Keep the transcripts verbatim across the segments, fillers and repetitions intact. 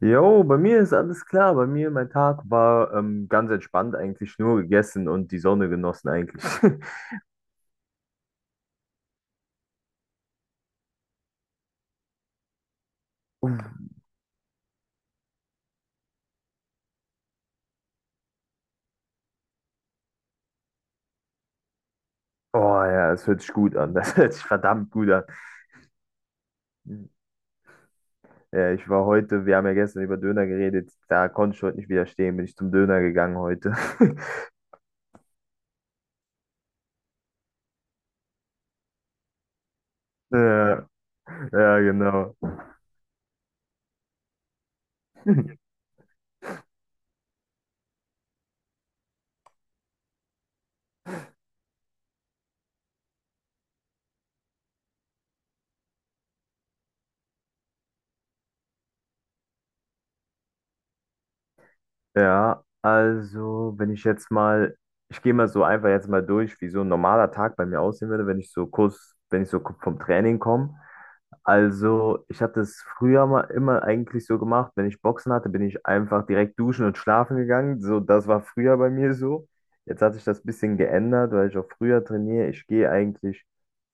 Jo, bei mir ist alles klar. Bei mir, mein Tag war ähm, ganz entspannt eigentlich, nur gegessen und die Sonne genossen eigentlich. Uff. Oh ja, das hört sich gut an. Das hört sich verdammt gut an. Ja, ich war heute, wir haben ja gestern über Döner geredet, da konnte ich heute nicht widerstehen, bin ich zum Döner gegangen heute. Ja, ja, genau. Ja, also wenn ich jetzt mal, ich gehe mal so einfach jetzt mal durch, wie so ein normaler Tag bei mir aussehen würde, wenn ich so kurz, wenn ich so vom Training komme. Also, ich habe das früher mal immer eigentlich so gemacht. Wenn ich Boxen hatte, bin ich einfach direkt duschen und schlafen gegangen. So, das war früher bei mir so. Jetzt hat sich das ein bisschen geändert, weil ich auch früher trainiere. Ich gehe eigentlich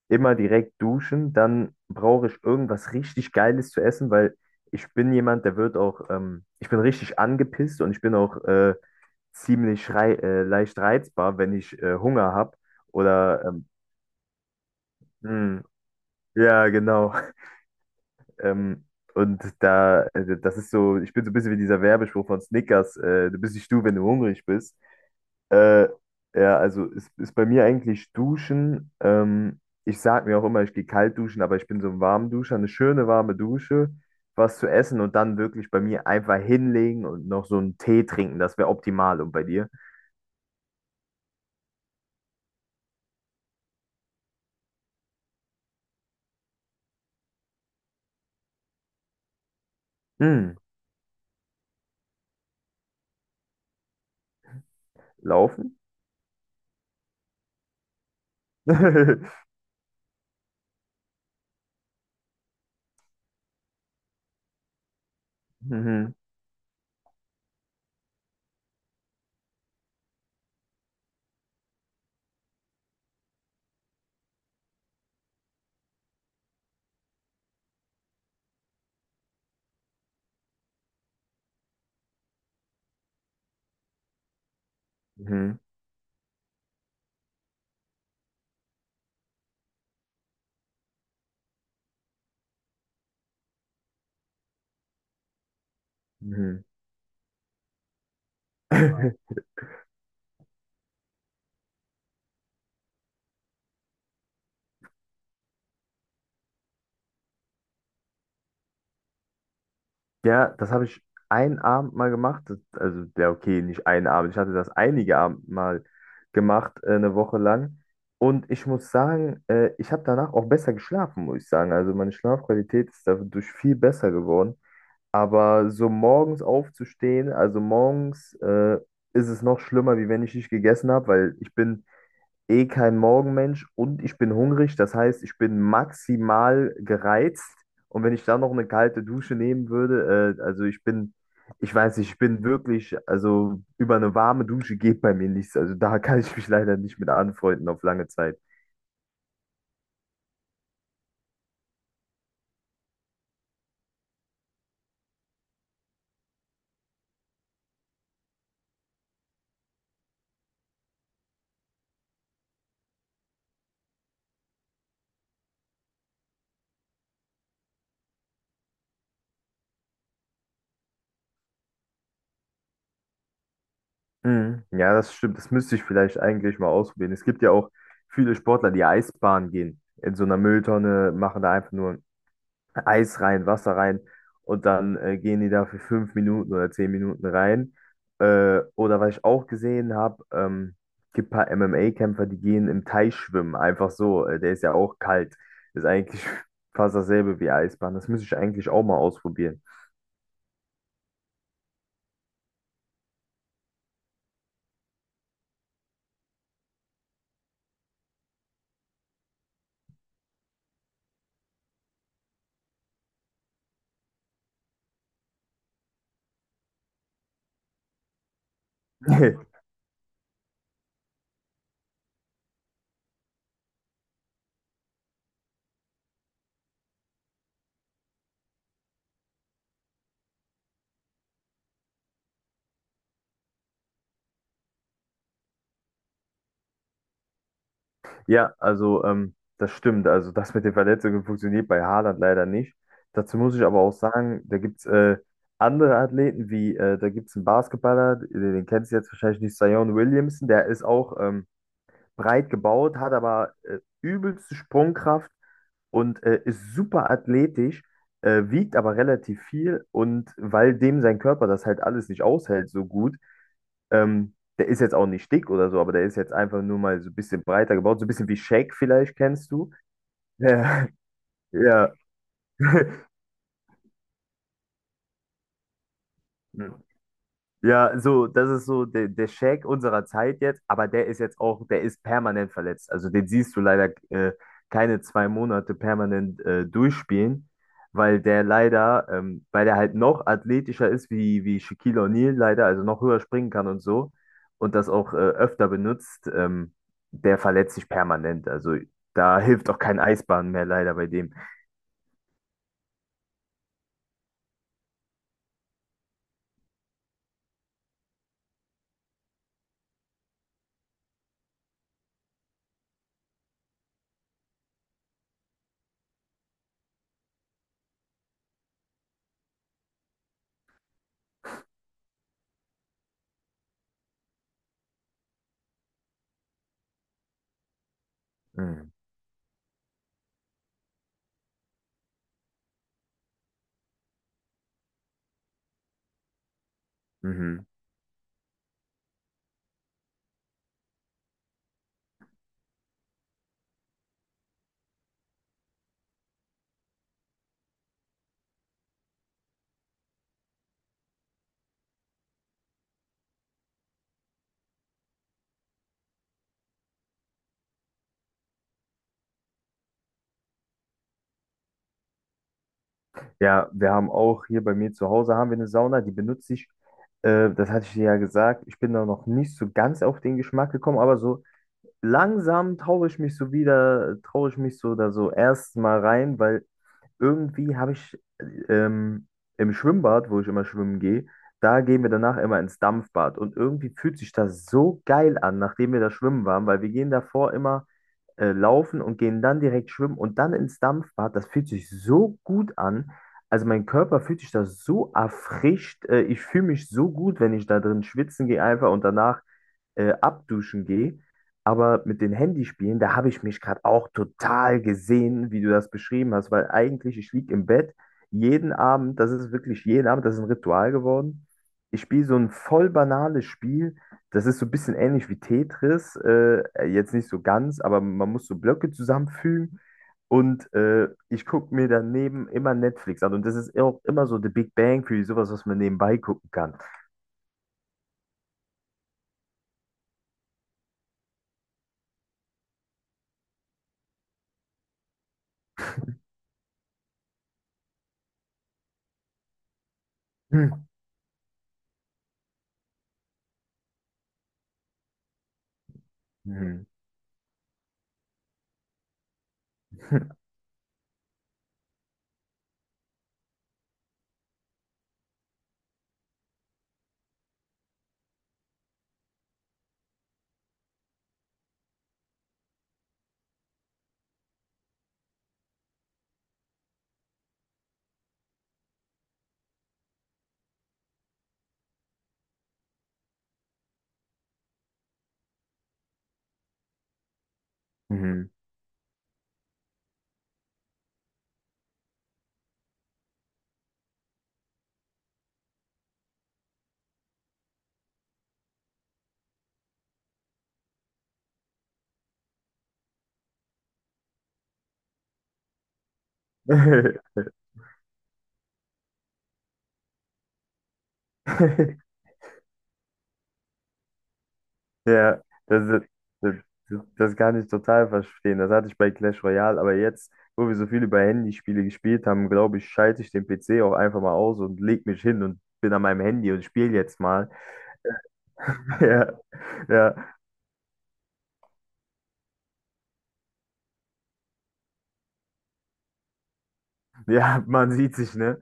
immer direkt duschen. Dann brauche ich irgendwas richtig Geiles zu essen. Weil ich bin jemand, der wird auch, ähm, Ich bin richtig angepisst und ich bin auch äh, ziemlich rei äh, leicht reizbar, wenn ich äh, Hunger habe. Oder, ähm, mh, ja, genau. Ähm, und da, äh, das ist so, Ich bin so ein bisschen wie dieser Werbespruch von Snickers: äh, "Du bist nicht du, wenn du hungrig bist." Äh, ja, also ist, ist bei mir eigentlich Duschen. Ähm, ich sag mir auch immer, ich gehe kalt duschen, aber ich bin so ein Warmduscher, eine schöne warme Dusche, was zu essen und dann wirklich bei mir einfach hinlegen und noch so einen Tee trinken. Das wäre optimal. Und bei dir? Hm, laufen? Mhm, mhm, mhm. Ja, das habe ich einen Abend mal gemacht. Das- Also, ja, okay, nicht einen Abend. Ich hatte das einige Abend mal gemacht, äh, eine Woche lang. Und ich muss sagen, äh, ich habe danach auch besser geschlafen, muss ich sagen. Also, meine Schlafqualität ist dadurch viel besser geworden. Aber so morgens aufzustehen, also morgens, äh, ist es noch schlimmer, wie wenn ich nicht gegessen habe, weil ich bin eh kein Morgenmensch und ich bin hungrig. Das heißt, ich bin maximal gereizt. Und wenn ich dann noch eine kalte Dusche nehmen würde, äh, also ich bin, ich weiß nicht, ich bin wirklich, also über eine warme Dusche geht bei mir nichts. Also da kann ich mich leider nicht mit anfreunden auf lange Zeit. Mhm. Ja, das stimmt. Das müsste ich vielleicht eigentlich mal ausprobieren. Es gibt ja auch viele Sportler, die Eisbahn gehen. In so einer Mülltonne machen da einfach nur Eis rein, Wasser rein und dann äh, gehen die da für fünf Minuten oder zehn Minuten rein. Äh, oder was ich auch gesehen habe, ähm, gibt ein paar M M A-Kämpfer, die gehen im Teich schwimmen, einfach so. Äh, der ist ja auch kalt. Ist eigentlich fast dasselbe wie Eisbahn. Das müsste ich eigentlich auch mal ausprobieren. Ja, also ähm, das stimmt. Also das mit den Verletzungen funktioniert bei Haaland leider nicht. Dazu muss ich aber auch sagen, da gibt es äh, andere Athleten, wie äh, da gibt es einen Basketballer, den, den kennst du jetzt wahrscheinlich nicht, Zion Williamson, der ist auch ähm, breit gebaut, hat aber äh, übelste Sprungkraft und äh, ist super athletisch, äh, wiegt aber relativ viel und weil dem sein Körper das halt alles nicht aushält so gut, ähm, der ist jetzt auch nicht dick oder so, aber der ist jetzt einfach nur mal so ein bisschen breiter gebaut, so ein bisschen wie Shaq vielleicht kennst du. Ja, ja. Ja, so, das ist so der, der Shaq unserer Zeit jetzt, aber der ist jetzt auch, der ist permanent verletzt. Also den siehst du leider äh, keine zwei Monate permanent äh, durchspielen, weil der leider, ähm, weil der halt noch athletischer ist wie, wie Shaquille O'Neal leider, also noch höher springen kann und so und das auch äh, öfter benutzt, ähm, der verletzt sich permanent. Also da hilft auch kein Eisbahn mehr leider bei dem. Mhm. Mhm. Ja, wir haben auch hier bei mir zu Hause haben wir eine Sauna, die benutze ich. Äh, das hatte ich dir ja gesagt. Ich bin da noch nicht so ganz auf den Geschmack gekommen, aber so langsam traue ich mich so wieder, traue ich mich so da so erst mal rein, weil irgendwie habe ich ähm, im Schwimmbad, wo ich immer schwimmen gehe, da gehen wir danach immer ins Dampfbad. Und irgendwie fühlt sich das so geil an, nachdem wir da schwimmen waren, weil wir gehen davor immer äh, laufen und gehen dann direkt schwimmen und dann ins Dampfbad. Das fühlt sich so gut an. Also mein Körper fühlt sich da so erfrischt. Äh, ich fühle mich so gut, wenn ich da drin schwitzen gehe einfach und danach äh, abduschen gehe. Aber mit den Handyspielen, da habe ich mich gerade auch total gesehen, wie du das beschrieben hast, weil eigentlich, ich liege im Bett jeden Abend, das ist wirklich jeden Abend, das ist ein Ritual geworden. Ich spiele so ein voll banales Spiel, das ist so ein bisschen ähnlich wie Tetris, äh, jetzt nicht so ganz, aber man muss so Blöcke zusammenfügen und äh, ich gucke mir daneben immer Netflix an und das ist auch immer so The Big Bang Theory, sowas, was man nebenbei gucken kann. Hm. Hm. Hm. Ja, das, ist- das, das das kann ich total verstehen. Das hatte ich bei Clash Royale, aber jetzt, wo wir so viel über Handyspiele gespielt haben, glaube ich, schalte ich den P C auch einfach mal aus und leg mich hin und bin an meinem Handy und spiele jetzt mal. Ja, ja, ja, man sieht sich, ne?